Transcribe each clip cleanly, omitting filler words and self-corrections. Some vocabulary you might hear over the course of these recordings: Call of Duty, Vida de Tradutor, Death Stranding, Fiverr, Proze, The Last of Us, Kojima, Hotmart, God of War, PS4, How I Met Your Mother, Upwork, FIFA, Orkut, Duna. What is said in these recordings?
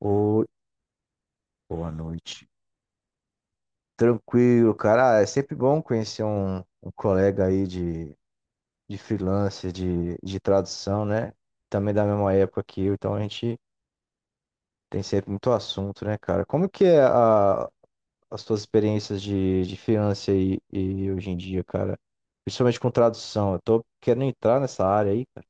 Oi, boa noite. Tranquilo, cara. É sempre bom conhecer um colega aí de freelancer, de tradução, né? Também da mesma época que eu, então a gente tem sempre muito assunto, né, cara? Como que é as tuas experiências de freelancer aí e hoje em dia, cara? Principalmente com tradução. Eu tô querendo entrar nessa área aí, cara.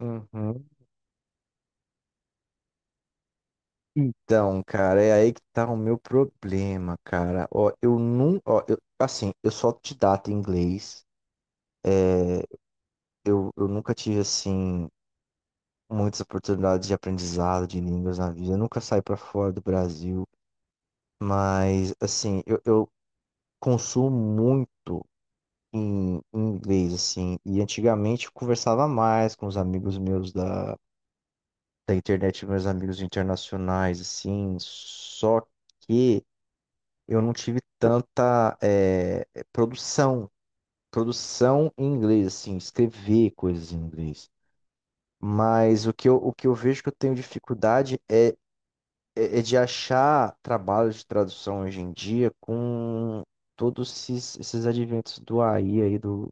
Uhum. Então, cara, é aí que tá o meu problema, cara. Ó, eu não, ó, eu, assim, eu sou autodidata em inglês. Eu nunca tive, assim, muitas oportunidades de aprendizado de línguas na vida. Eu nunca saí para fora do Brasil. Mas, assim, eu consumo muito em inglês, assim. E antigamente eu conversava mais com os amigos meus da internet, meus amigos internacionais, assim. Só que eu não tive tanta produção, produção em inglês, assim, escrever coisas em inglês. Mas o que eu vejo que eu tenho dificuldade é de achar trabalho de tradução hoje em dia com todos esses adventos do AI aí, do,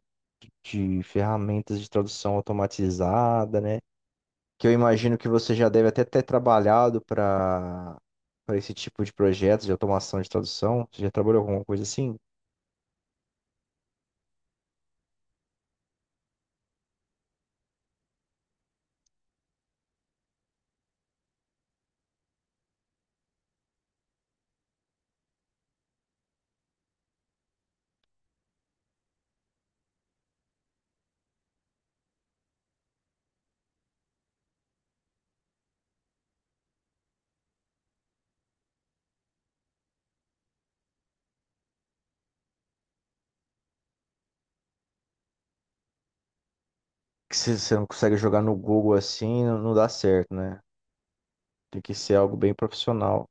de ferramentas de tradução automatizada, né? Que eu imagino que você já deve até ter trabalhado para esse tipo de projeto de automação de tradução. Você já trabalhou com alguma coisa assim? Que se você não consegue jogar no Google assim, não, não dá certo, né? Tem que ser algo bem profissional.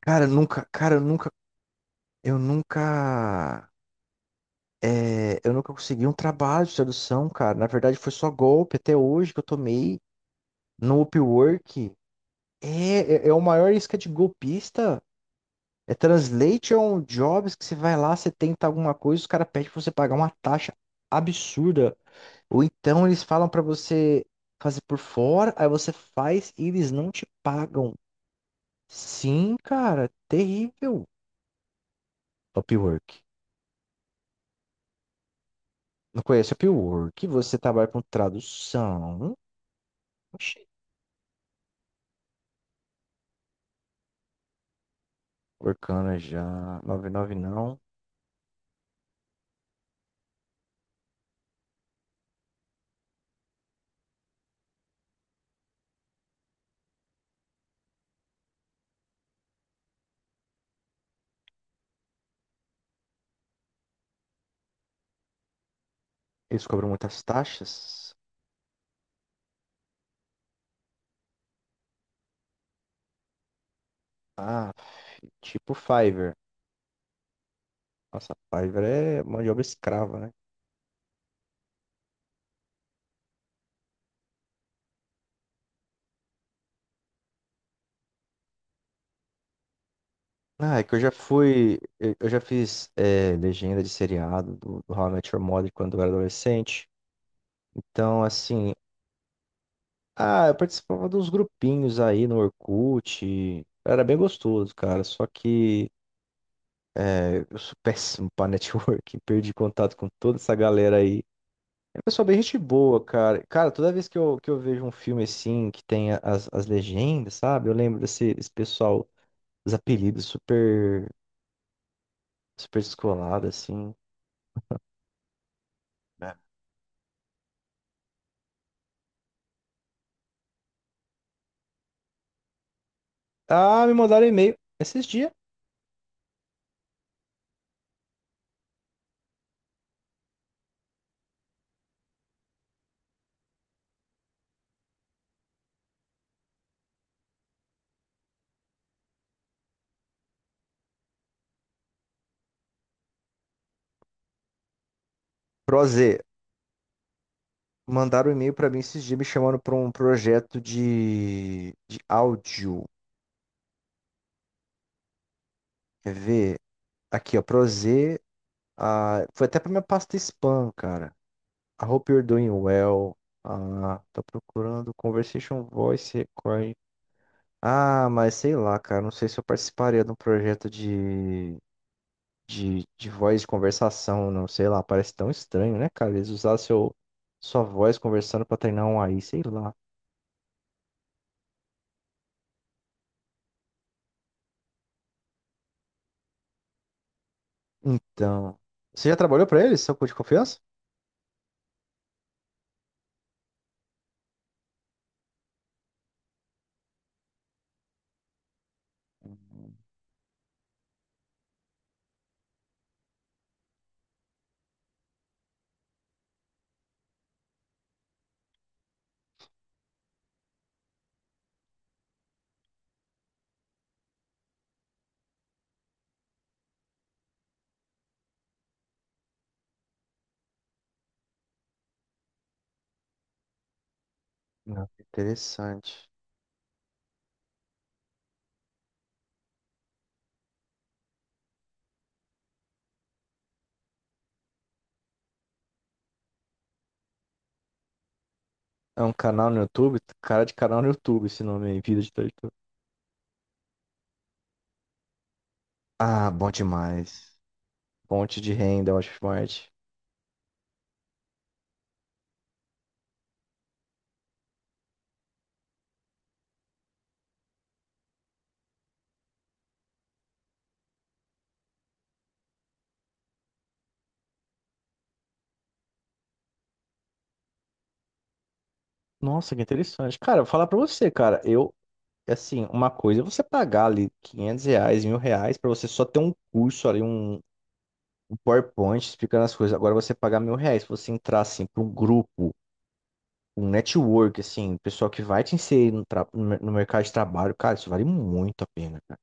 Cara, eu nunca, cara, eu nunca. Eu nunca. É, eu nunca consegui um trabalho de tradução, cara. Na verdade, foi só golpe até hoje que eu tomei no Upwork. É, é o maior isca de golpista. É translation jobs que você vai lá, você tenta alguma coisa, os caras pedem pra você pagar uma taxa absurda. Ou então eles falam pra você fazer por fora, aí você faz e eles não te pagam. Sim, cara, terrível. Upwork. Não conhece Upwork? Você trabalha com tradução. Oxi. Orkana já. 99 não. Eles cobram muitas taxas? Ah, tipo Fiverr. Nossa, Fiverr é mão de obra escrava, né? Ah, é que eu já fui. Eu já fiz legenda de seriado do How I Met Your Mother quando eu era adolescente. Então, assim. Ah, eu participava dos grupinhos aí no Orkut. Era bem gostoso, cara. Só que é, eu sou péssimo pra networking. Perdi contato com toda essa galera aí. Pessoal, bem gente boa, cara. Cara, toda vez que eu vejo um filme assim, que tem as legendas, sabe? Eu lembro desse pessoal, os apelidos super descolado, assim, né? Ah, me mandaram um e-mail esses dias. Proze, mandaram um e-mail pra mim esses dias me chamando pra um projeto de áudio. Quer ver? Aqui, ó, Proze. Ah, foi até pra minha pasta spam, cara. I hope you're doing well. Ah, tô procurando Conversation Voice. Ah, mas sei lá, cara. Não sei se eu participaria de um projeto de voz de conversação, não. Sei lá, parece tão estranho, né, cara? Eles usar seu, sua voz conversando pra treinar um AI, sei lá. Então. Você já trabalhou pra eles, seu cu de confiança? Hum. Não, que interessante. É um canal no YouTube? Cara de canal no YouTube, esse nome aí, Vida de Tradutor. Ah, bom demais. Fonte de renda, Hotmart. Nossa, que interessante. Cara, vou falar pra você, cara. Eu. E, assim, uma coisa é você pagar ali 500 reais, mil reais, pra você só ter um curso ali, um PowerPoint explicando as coisas. Agora você pagar mil reais, se você entrar, assim, para um grupo, um network, assim, um pessoal que vai te inserir no, no mercado de trabalho, cara, isso vale muito a pena, cara.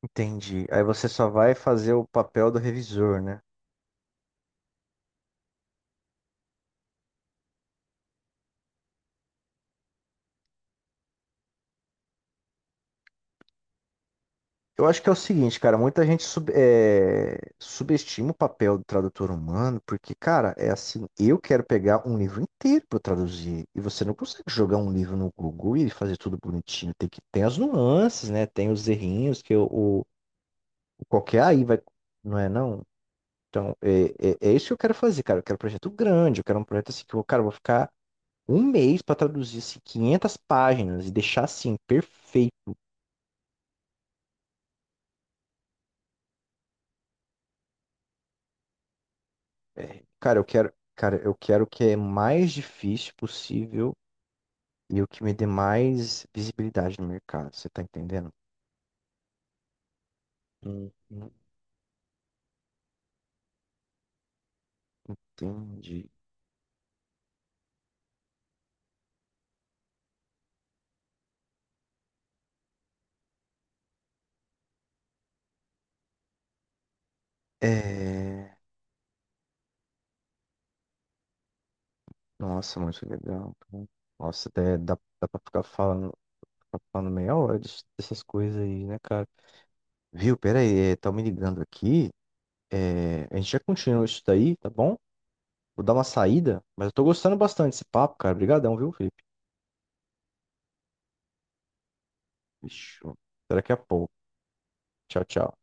Entendi. Aí você só vai fazer o papel do revisor, né? Eu acho que é o seguinte, cara, muita gente subestima o papel do tradutor humano, porque, cara, é assim, eu quero pegar um livro inteiro para traduzir, e você não consegue jogar um livro no Google e fazer tudo bonitinho, tem que tem as nuances, né? Tem os errinhos que o qualquer aí vai, não é não? Então, é isso que eu quero fazer, cara, eu quero um projeto grande, eu quero um projeto assim que eu, cara, eu vou ficar um mês para traduzir assim, 500 páginas e deixar assim perfeito. Cara, eu quero que é mais difícil possível e o que me dê mais visibilidade no mercado. Você tá entendendo? Hum. Entendi. É... Nossa, muito legal, cara. Nossa, até dá, dá pra ficar falando meia hora dessas coisas aí, né, cara? Viu? Pera aí, é, tá me ligando aqui. É, a gente já continua isso daí, tá bom? Vou dar uma saída, mas eu tô gostando bastante desse papo, cara. Obrigadão, viu, Felipe? Fechou. Até daqui a pouco. Tchau, tchau.